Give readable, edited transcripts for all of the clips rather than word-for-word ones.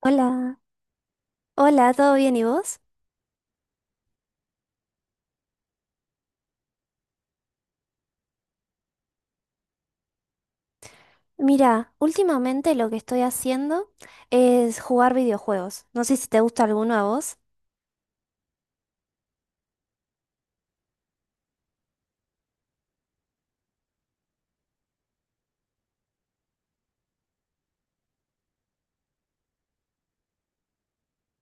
Hola, hola, ¿todo bien y vos? Mira, últimamente lo que estoy haciendo es jugar videojuegos. No sé si te gusta alguno a vos.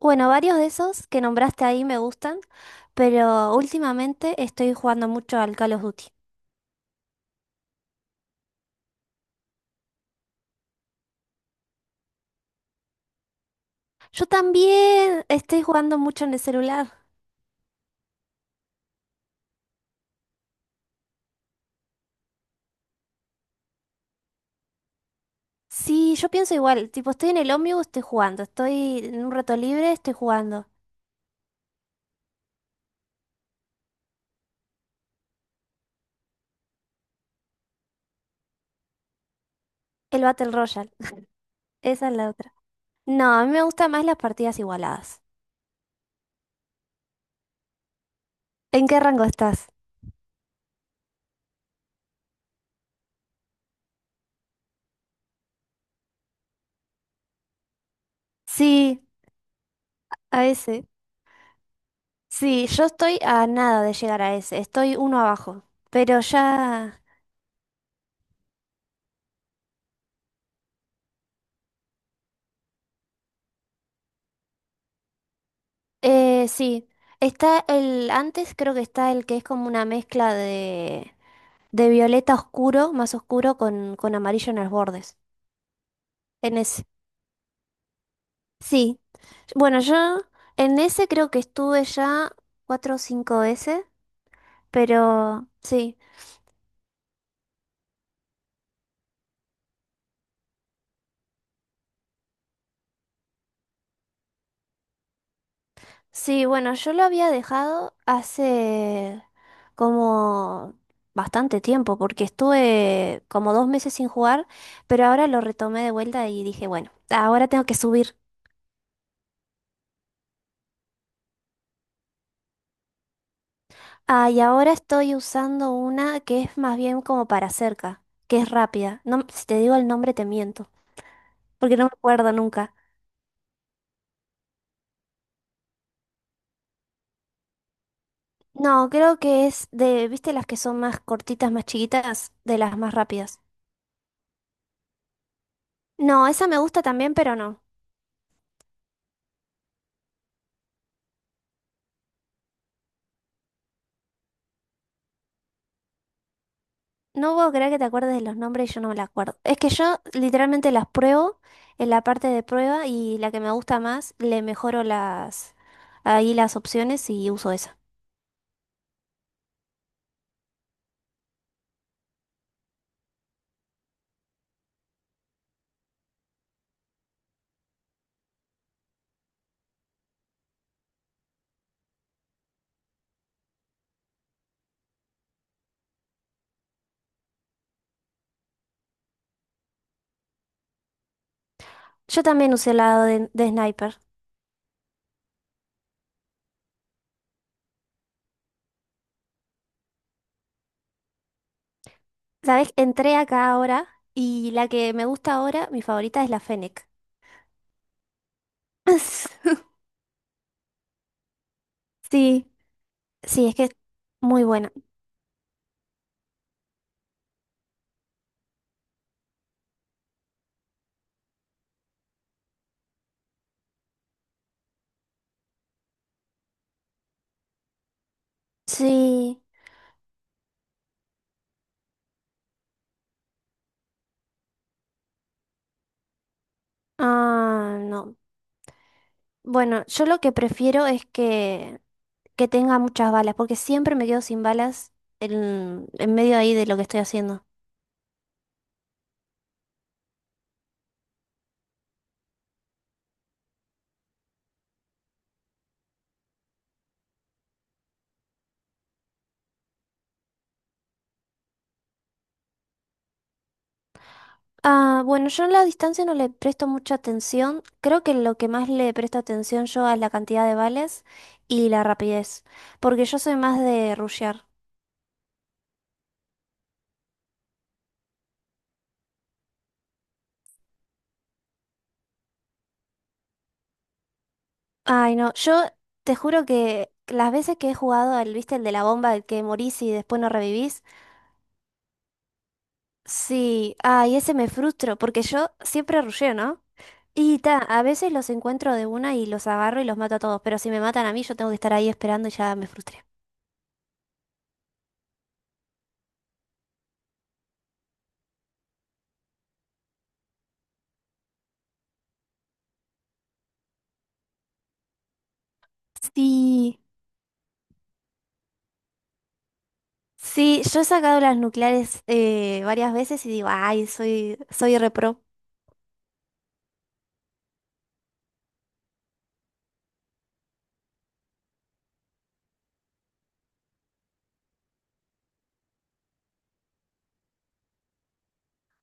Bueno, varios de esos que nombraste ahí me gustan, pero últimamente estoy jugando mucho al Call of Duty. Yo también estoy jugando mucho en el celular. Sí, yo pienso igual, tipo estoy en el ómnibus, estoy jugando, estoy en un rato libre, estoy jugando. El Battle Royale, esa es la otra. No, a mí me gustan más las partidas igualadas. ¿En qué rango estás? Sí. A ese. Sí, yo estoy a nada de llegar a ese. Estoy uno abajo. Pero ya. Sí. Está el. Antes creo que está el que es como una mezcla de violeta oscuro, más oscuro, con amarillo en los bordes. En ese. Sí. Bueno, yo en ese creo que estuve ya cuatro o cinco veces. Pero sí. Sí, bueno, yo lo había dejado hace como bastante tiempo, porque estuve como 2 meses sin jugar, pero ahora lo retomé de vuelta y dije, bueno, ahora tengo que subir. Ah, y ahora estoy usando una que es más bien como para cerca, que es rápida. No, si te digo el nombre te miento, porque no me acuerdo nunca. No, creo que es de, ¿viste las que son más cortitas, más chiquitas, de las más rápidas? No, esa me gusta también, pero no. No puedo creer que te acuerdes de los nombres y yo no me la acuerdo. Es que yo literalmente las pruebo en la parte de prueba y la que me gusta más, le mejoro las ahí las opciones y uso esa. Yo también usé la de Sniper. ¿Sabes? Entré acá ahora y la que me gusta ahora, mi favorita es la Fennec. Sí, sí, es que es muy buena. Sí. Ah, no. Bueno, yo lo que prefiero es que tenga muchas balas, porque siempre me quedo sin balas en medio ahí de lo que estoy haciendo. Ah, bueno, yo en la distancia no le presto mucha atención. Creo que lo que más le presto atención yo es la cantidad de balas y la rapidez, porque yo soy más de rushear. Ay, no, yo te juro que las veces que he jugado al, viste, el de la bomba, el que morís y después no revivís, sí, ay, ese me frustro, porque yo siempre rusheo, ¿no? Y ta, a veces los encuentro de una y los agarro y los mato a todos, pero si me matan a mí, yo tengo que estar ahí esperando y ya me frustré. Sí, sí, yo he sacado las nucleares varias veces y digo, ay, soy repro.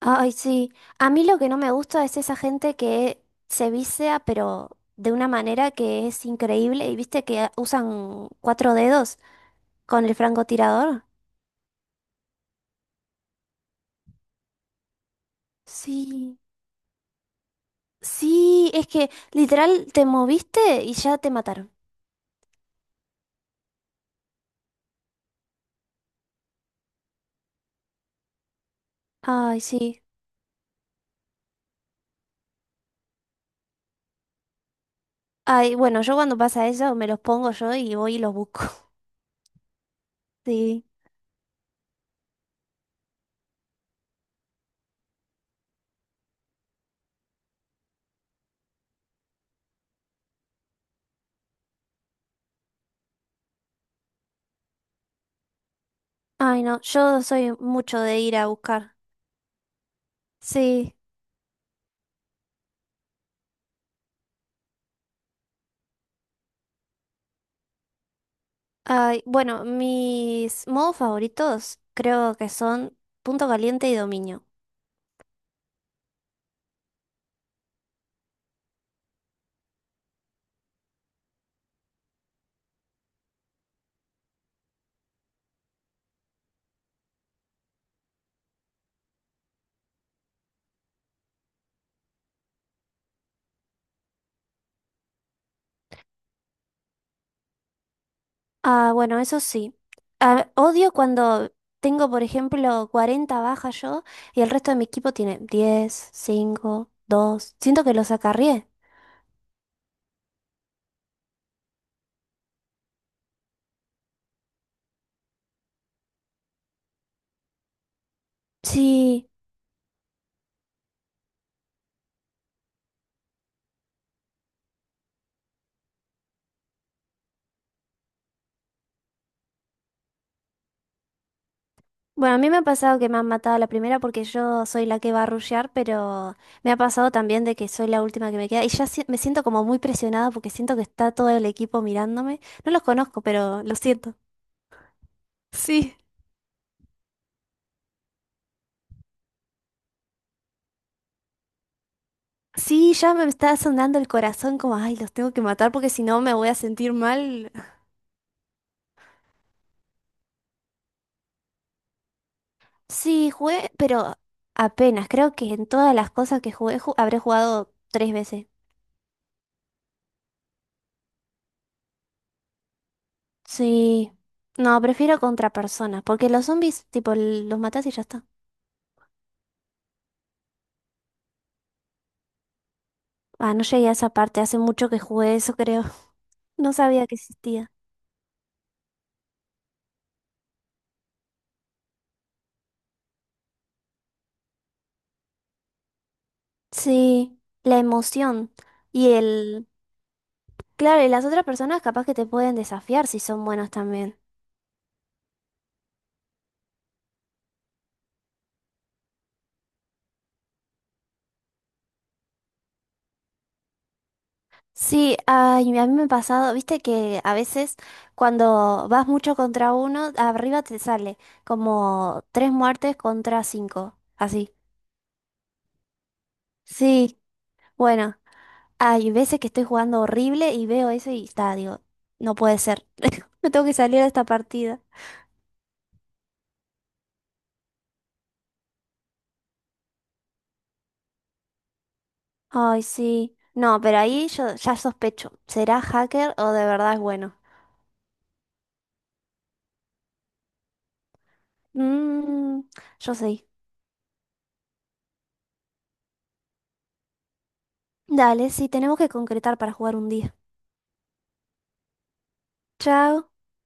Ay, sí. A mí lo que no me gusta es esa gente que se vicia, pero de una manera que es increíble. ¿Y viste que usan cuatro dedos con el francotirador? Sí. Sí, es que literal te moviste y ya te mataron. Ay, sí. Ay, bueno, yo cuando pasa eso me los pongo yo y voy y los busco. Sí. Ay, no, yo soy mucho de ir a buscar. Sí. Ay, bueno, mis modos favoritos creo que son punto caliente y dominio. Ah, bueno, eso sí. Ah, odio cuando tengo, por ejemplo, 40 bajas yo y el resto de mi equipo tiene 10, 5, 2. Siento que los acarrié. Sí. Bueno, a mí me ha pasado que me han matado a la primera porque yo soy la que va a rushear, pero me ha pasado también de que soy la última que me queda y ya me siento como muy presionada porque siento que está todo el equipo mirándome. No los conozco, pero lo siento. Sí. Sí, ya me está sonando el corazón como, ay, los tengo que matar porque si no me voy a sentir mal. Sí, jugué, pero apenas. Creo que en todas las cosas que jugué habré jugado tres veces. Sí. No, prefiero contra personas porque los zombies, tipo, los matas y ya está. Ah, no llegué a esa parte, hace mucho que jugué eso, creo. No sabía que existía. Sí, la emoción. Y el... Claro, y las otras personas capaz que te pueden desafiar si son buenos también. Sí, ay, a mí me ha pasado, viste que a veces cuando vas mucho contra uno, arriba te sale como tres muertes contra cinco, así. Sí, bueno, hay veces que estoy jugando horrible y veo eso y está, digo, no puede ser, me tengo que salir de esta partida. Ay, sí. No, pero ahí yo ya sospecho. ¿Será hacker o de verdad es bueno? Mmm, yo sí. Dale, sí, tenemos que concretar para jugar un día. Chao.